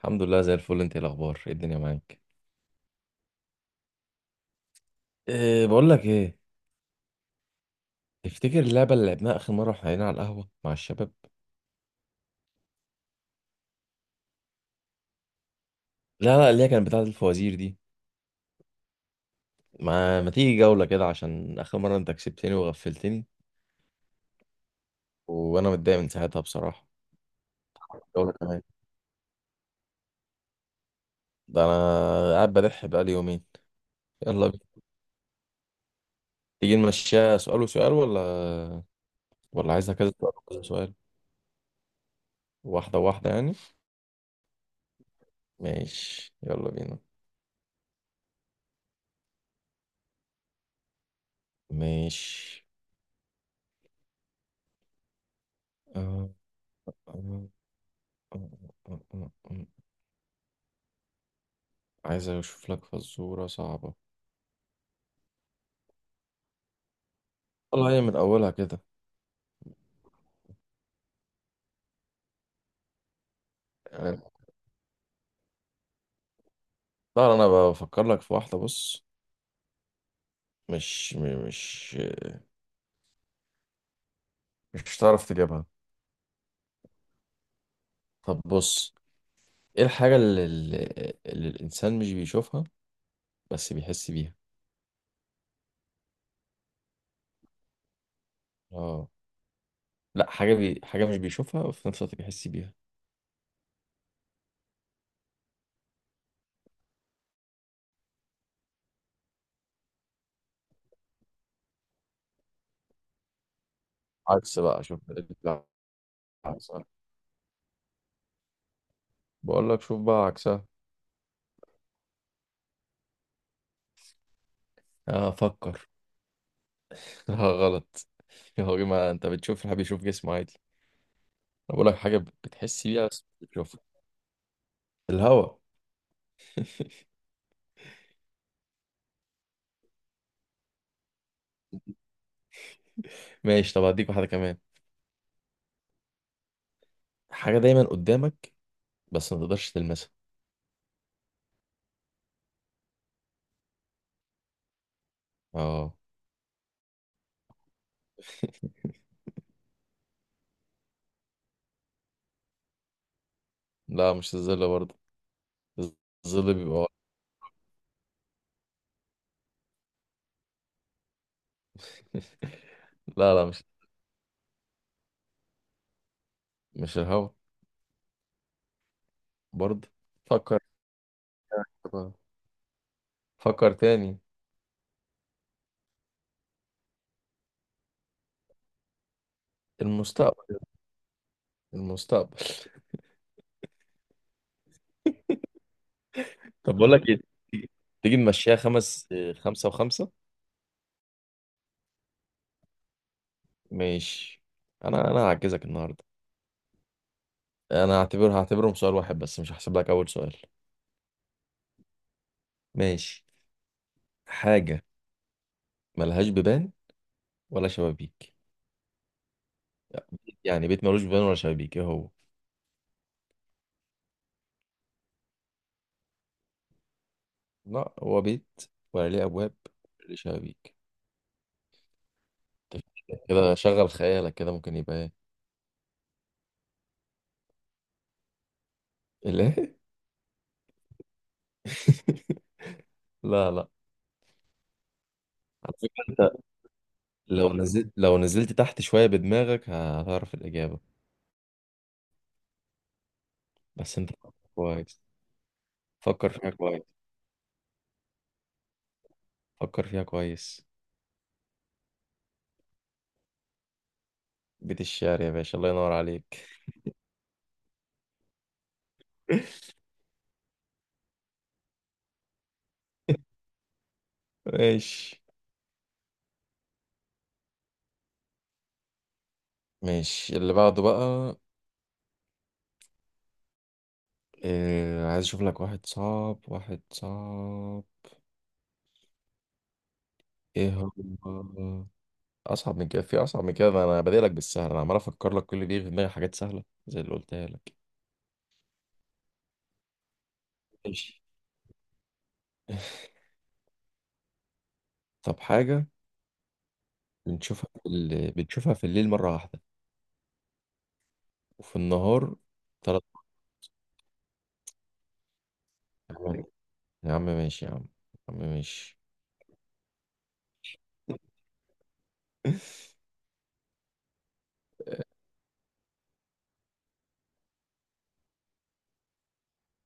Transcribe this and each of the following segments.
الحمد لله زي الفل، انت ايه الاخبار؟ ايه الدنيا معاك؟ إيه بقول لك ايه. تفتكر اللعبه اللي لعبناها اخر مره واحنا قاعدين على القهوه مع الشباب؟ لا لا، اللي هي كانت بتاعه الفوازير دي. ما تيجي جوله كده عشان اخر مره انت كسبتني وغفلتني، وانا متضايق من ساعتها بصراحه. جوله كمان. ده انا قاعد بدح بقالي يومين. يلا بينا. تيجي نمشيها سؤال وسؤال ولا؟ ولا عايزها كذا سؤال وكذا سؤال؟ واحده واحده يعني. ماشي يلا بينا. ماشي. آه، آه، آه، آه، آه، آه، آه. عايز اشوف لك فزورة صعبة. والله هي من اولها كده. يعني طبعا انا بفكر لك في واحدة، بص. مش م- مش مش هتعرف تجيبها. طب بص، ايه الحاجة اللي الانسان مش بيشوفها بس بيحس بيها؟ اه. لا، حاجة مش بيشوفها وفي نفس الوقت بيحس بيها. عكس بقى، شوف. لا، عكس. بقول لك شوف بقى عكسها. اه فكر. لا غلط. هو ما انت بتشوف الحاجة بيشوف جسمه عادي. انا بقول لك حاجة بتحس بيها بس بتشوفها. الهوا. ماشي، طب هديك واحدة كمان. حاجة دايما قدامك بس ما تقدرش تلمسها. اه. لا مش الظل برضه. الظل بيبقى ورا. لا لا، مش الهوا برضه. فكر. فكر تاني. المستقبل. المستقبل. طب بقول لك ايه. تيجي. تيجي نمشيها خمس. خمسة وخمسة. ماشي. انا هعجزك النهارده. انا هعتبرهم سؤال واحد بس مش هحسب لك اول سؤال. ماشي. حاجة ملهاش بيبان ولا شبابيك. يعني بيت ملوش بيبان ولا شبابيك، ايه هو؟ لا هو بيت. ولا ليه ابواب. ولا ليه شبابيك. أنت، كده شغل خيالك، كده ممكن يبقى ايه؟ الايه؟ لا لا. على فكرة انت، لو نزلت تحت شوية بدماغك هتعرف الإجابة. بس انت فكر كويس. فكر فيها كويس. فكر فيها كويس. بيت الشعر يا باشا، الله ينور عليك. ماشي. ماشي اللي بعده بقى. إيه عايز اشوف لك واحد صعب، واحد صعب. ايه. هو. اصعب من كده؟ في اصعب من كده؟ ما انا بديلك بالسهل، انا عمال افكر لك كل دي في دماغي حاجات سهله زي اللي قلتها لك. ماشي. طب حاجه بنشوفها في الليل مره واحده وفي النهار ثلاث مرات. يا عم ماشي يا عم. يا عم ماشي.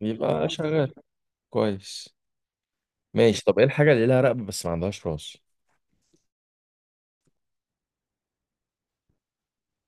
يبقى شغال. كويس. ماشي، طب ايه الحاجه اللي لها رقبه بس ما عندهاش راس؟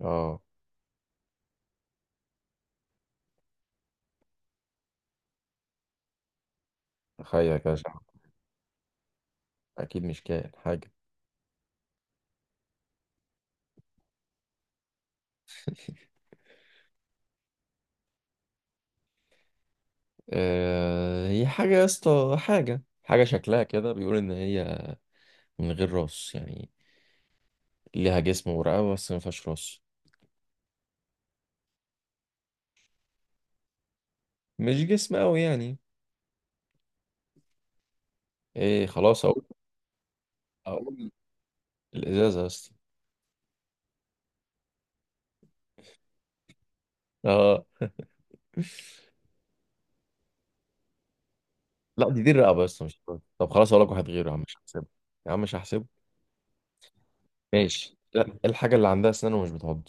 اه، تخيل كده شعر. اكيد مش كائن حاجه. هي حاجه يا اسطى، حاجه شكلها كده بيقول ان هي من غير راس يعني. ليها جسم ورقبة بس ما فيهاش راس. مش جسم قوي يعني. ايه خلاص اقول. اقول الازازة بس. اه. لا، دي الرقبة بس مش راس. طب خلاص اقول لك واحد غيره يا عم مش هحسبه. يا عم مش هحسبه. ماشي. لا، إيه الحاجة اللي عندها اسنان ومش بتعض؟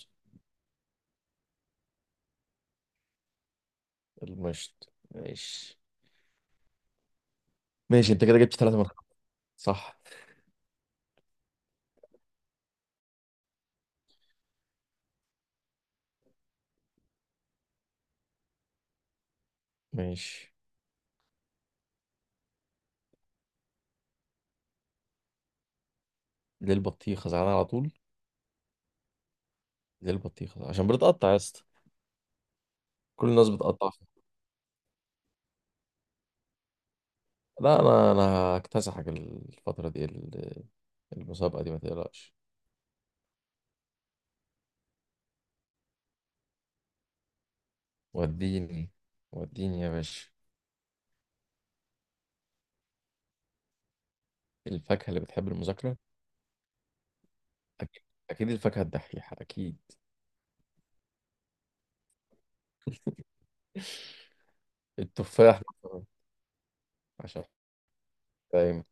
المشط، ماشي. ماشي، انت كده جبت ثلاثة من خمسة، صح. ماشي. ليه البطيخة زعلان على طول؟ ليه البطيخة؟ عشان بتقطع يا اسطى. كل الناس بتقطع فيها. لا، انا هكتسحك الفترة دي المسابقة دي ما تقلقش. وديني. وديني يا باشا. الفاكهة اللي بتحب المذاكرة. أكيد. أكيد الفاكهة الدحيحة أكيد. التفاح مثلا، عشان دايما.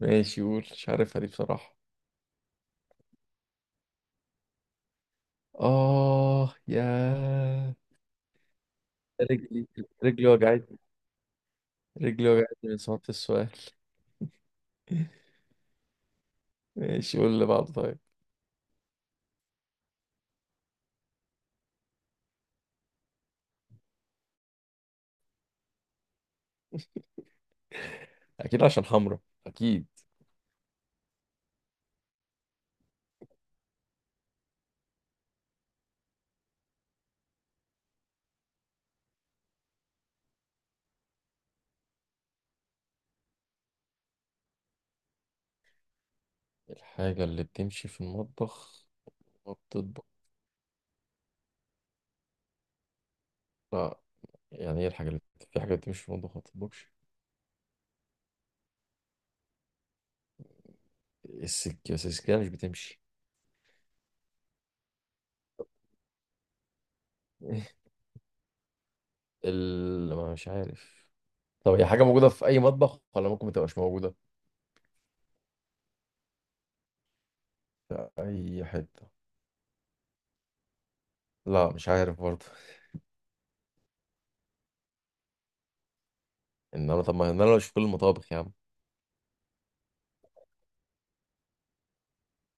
ماشي قول، مش عارفها دي بصراحة. آه يا. رجلي. رجلي وجعتني. رجلي وجعتني من صوت السؤال. ماشي قول اللي بعده طيب. أكيد عشان حمرا. أكيد. الحاجة اللي بتمشي في المطبخ ما بتطبخ. لا. يعني إيه الحاجة اللي، في حاجة بتمشي في المطبخ ما بتطبخش؟ السكة؟ بس السكة مش بتمشي. ايه ما مش عارف. طب هي حاجة موجودة في أي مطبخ ولا ممكن ما تبقاش موجودة؟ في أي حتة. لا مش عارف برضه. إنما طب، ما إن أنا مش في كل المطابخ يا عم.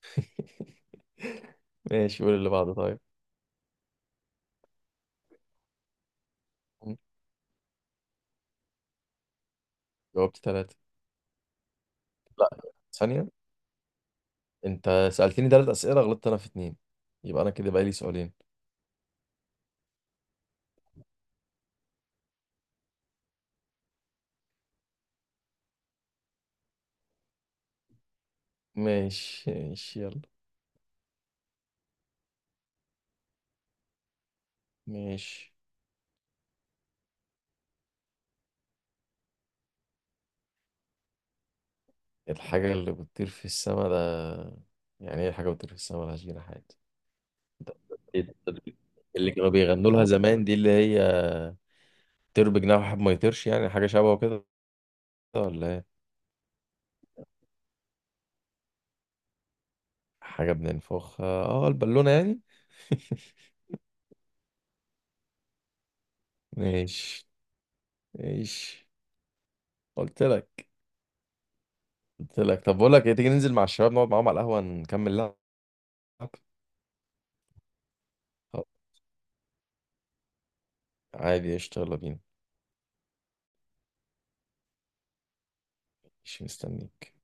ماشي قول اللي بعده طيب. جاوبت ثلاثة. لا، ثانية. أنت سألتني ثلاث أسئلة، غلطت أنا في اتنين. يبقى أنا كده بقى لي سؤالين. ماشي ماشي يلا. ماشي. الحاجة اللي بتطير في السما ده. يعني إيه، حاجة بتطير في السما ملهاش جناحات؟ إيه ده؟ اللي كانوا بيغنوا لها زمان دي اللي هي، طير بجناح وحب ما يطيرش، يعني حاجة شبه كده ولا ايه؟ حاجة بننفخ، اه البالونة يعني. ماشي. ماشي. قلت لك. قلت لك طب بقول لك ايه، تيجي ننزل مع الشباب نقعد معاهم على القهوة نكمل لعب. آه. عادي قشطة، يلا بينا. مش مستنيك.